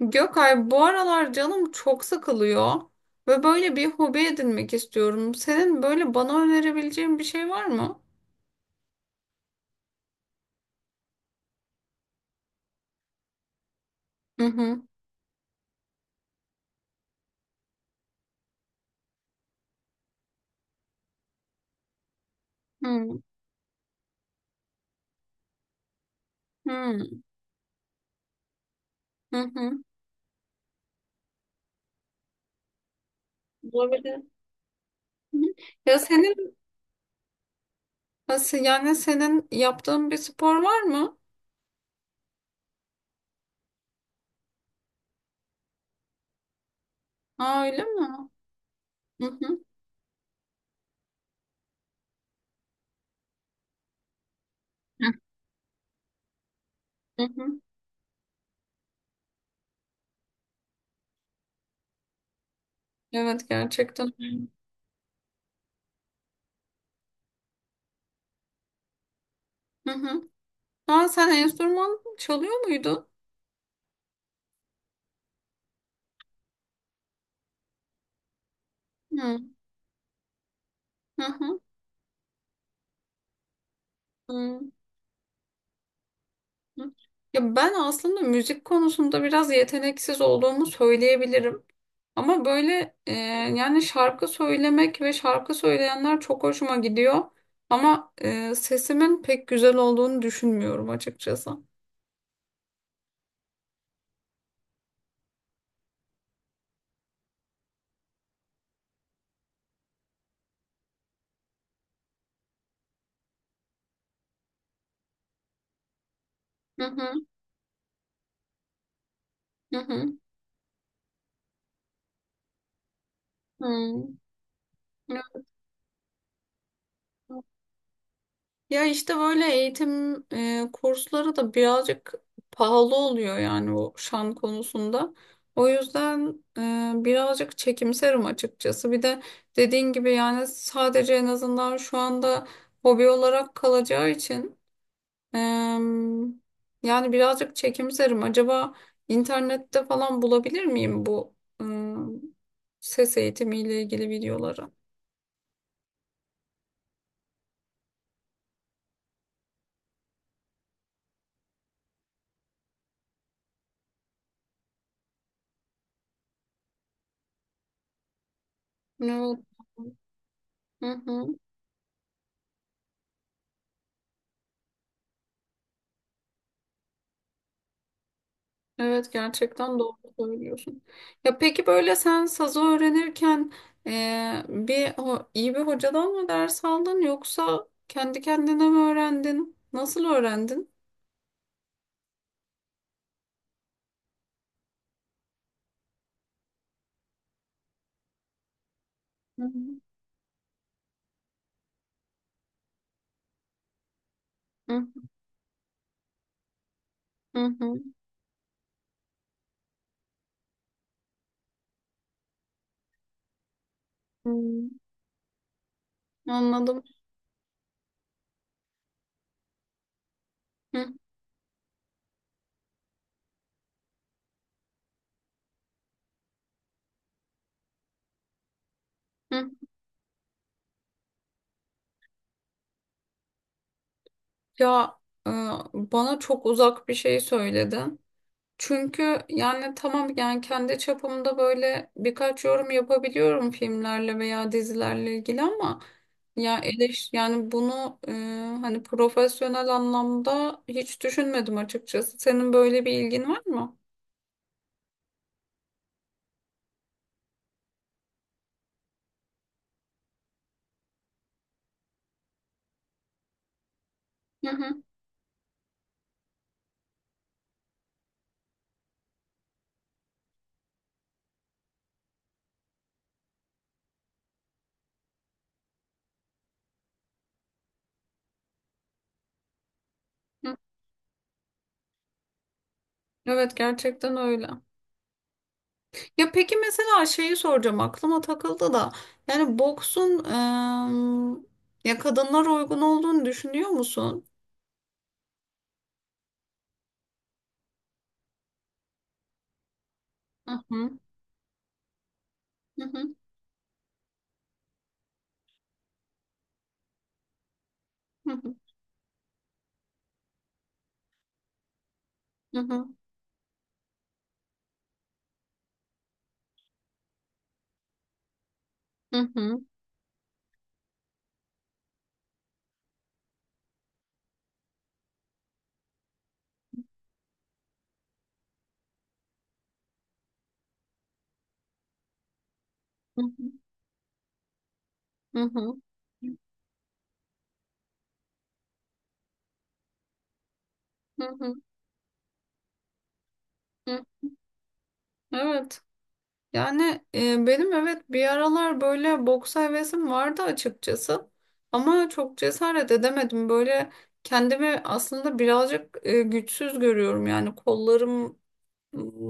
Gökay bu aralar canım çok sıkılıyor ve böyle bir hobi edinmek istiyorum. Senin böyle bana önerebileceğin bir şey var mı? Hı hı. Hı hı. Hı hı. Olabilir. Hı hı. Ya senin nasıl yani senin yaptığın bir spor var mı? Aa öyle mi? Hı hı. Hı hı. Evet gerçekten. Hı hı. Aa sen enstrüman çalıyor muydun? Hı hı. Hı. Hı. Hı. Ya ben aslında müzik konusunda biraz yeteneksiz olduğumu söyleyebilirim. Ama böyle yani şarkı söylemek ve şarkı söyleyenler çok hoşuma gidiyor. Ama sesimin pek güzel olduğunu düşünmüyorum açıkçası. Hı hı hı hı. Hı. Ya işte böyle eğitim kursları da birazcık pahalı oluyor yani o şan konusunda. O yüzden birazcık çekimserim açıkçası. Bir de dediğin gibi yani sadece en azından şu anda hobi olarak kalacağı için e, yani birazcık çekimserim. Acaba internette falan bulabilir miyim bu e, ses eğitimiyle ilgili videoları? Evet. Hı hı. Evet gerçekten doğru söylüyorsun. Ya peki böyle sen sazı öğrenirken bir iyi bir hocadan mı ders aldın yoksa kendi kendine mi öğrendin? Nasıl öğrendin? Hı hı. Hı hı. Hı. Anladım. Hı hı. Ya e, bana çok uzak bir şey söyledin. Çünkü yani tamam yani kendi çapımda böyle birkaç yorum yapabiliyorum filmlerle veya dizilerle ilgili ama ya eleş yani bunu hani profesyonel anlamda hiç düşünmedim açıkçası. Senin böyle bir ilgin var mı? Hı hı. Hı. Evet gerçekten öyle. Ya peki mesela şeyi soracağım aklıma takıldı da yani boksun ya kadınlara uygun olduğunu düşünüyor musun? Hı hı. Hı hı. Hı hı. Hı hı. Hı hı. Hı hı. Hı hı. Hı hı. Hı. Evet. Yani benim evet bir aralar böyle boks hevesim vardı açıkçası. Ama çok cesaret edemedim. Böyle kendimi aslında birazcık güçsüz görüyorum. Yani kollarımın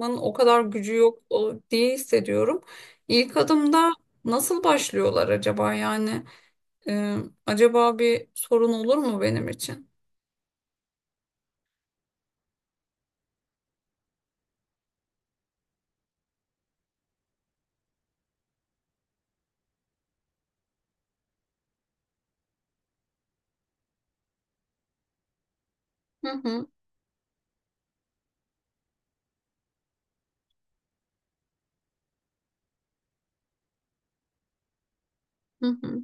o kadar gücü yok diye hissediyorum. İlk adımda nasıl başlıyorlar acaba yani? E, Acaba bir sorun olur mu benim için? Hı hı. Hı hı.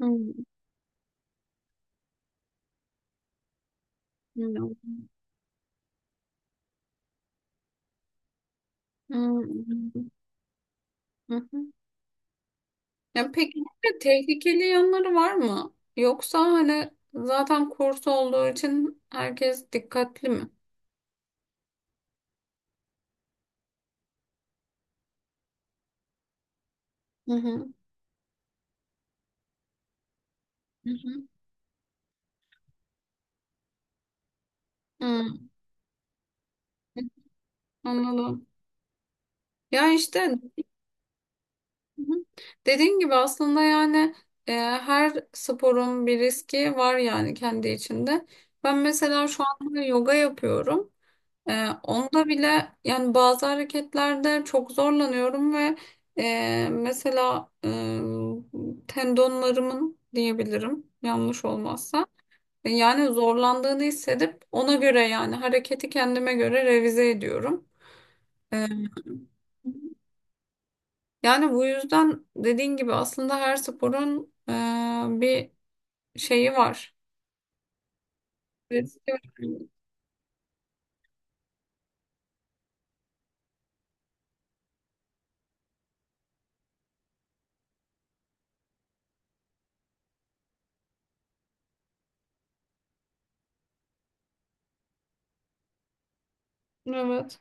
Hı hı. Hı hı. Hı hı. Ya peki bir de tehlikeli yanları var mı? Yoksa hani zaten kurs olduğu için herkes dikkatli mi? Hı hı. Hı hı. Hı. Anladım. Ya işte hı hı, dediğin gibi aslında yani her sporun bir riski var yani kendi içinde. Ben mesela şu anda yoga yapıyorum. Onda bile yani bazı hareketlerde çok zorlanıyorum ve mesela tendonlarımın diyebilirim yanlış olmazsa yani zorlandığını hissedip ona göre yani hareketi kendime göre revize ediyorum. Yani bu yüzden dediğin gibi aslında her sporun bir şeyi var. Riski var. Evet.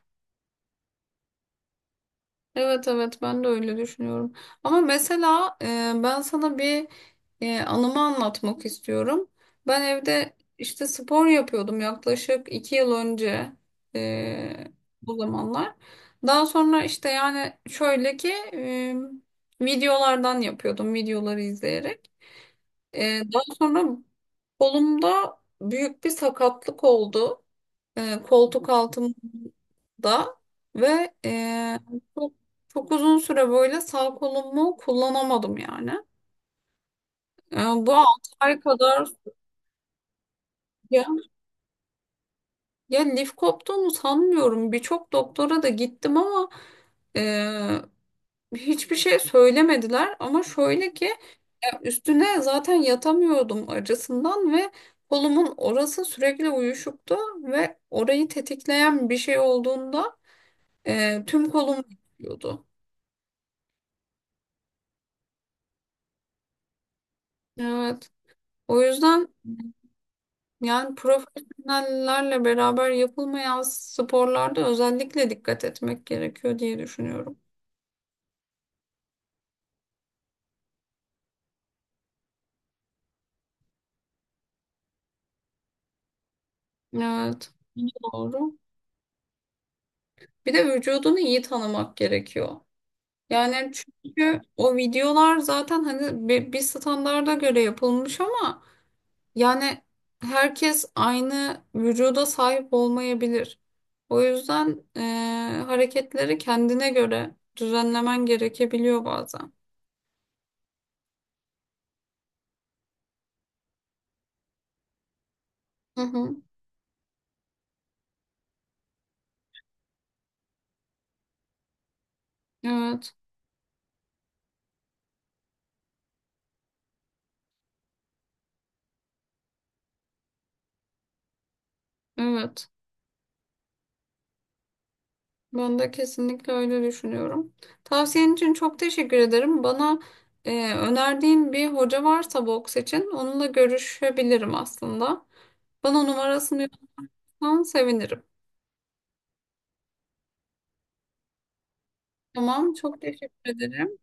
Evet, evet ben de öyle düşünüyorum. Ama mesela ben sana bir anımı anlatmak istiyorum. Ben evde işte spor yapıyordum yaklaşık iki yıl önce e, o zamanlar. Daha sonra işte yani şöyle ki e, videolardan yapıyordum videoları izleyerek. E, daha sonra kolumda büyük bir sakatlık oldu. E, koltuk altım da ve çok, çok uzun süre böyle sağ kolumu kullanamadım yani. E, bu 6 ay kadar ya, ya lif koptuğunu sanmıyorum. Birçok doktora da gittim ama e, hiçbir şey söylemediler. Ama şöyle ki üstüne zaten yatamıyordum acısından ve kolumun orası sürekli uyuşuktu ve orayı tetikleyen bir şey olduğunda tüm kolum uyuşuyordu. Evet. O yüzden yani profesyonellerle beraber yapılmayan sporlarda özellikle dikkat etmek gerekiyor diye düşünüyorum. Evet, doğru. Bir de vücudunu iyi tanımak gerekiyor. Yani çünkü o videolar zaten hani bir standarda göre yapılmış ama yani herkes aynı vücuda sahip olmayabilir. O yüzden hareketleri kendine göre düzenlemen gerekebiliyor bazen. Hı hı, evet, evet. Ben de kesinlikle öyle düşünüyorum. Tavsiyen için çok teşekkür ederim. Bana önerdiğin bir hoca varsa boks için onunla görüşebilirim aslında. Bana numarasını yollarsan sevinirim. Tamam, çok teşekkür ederim.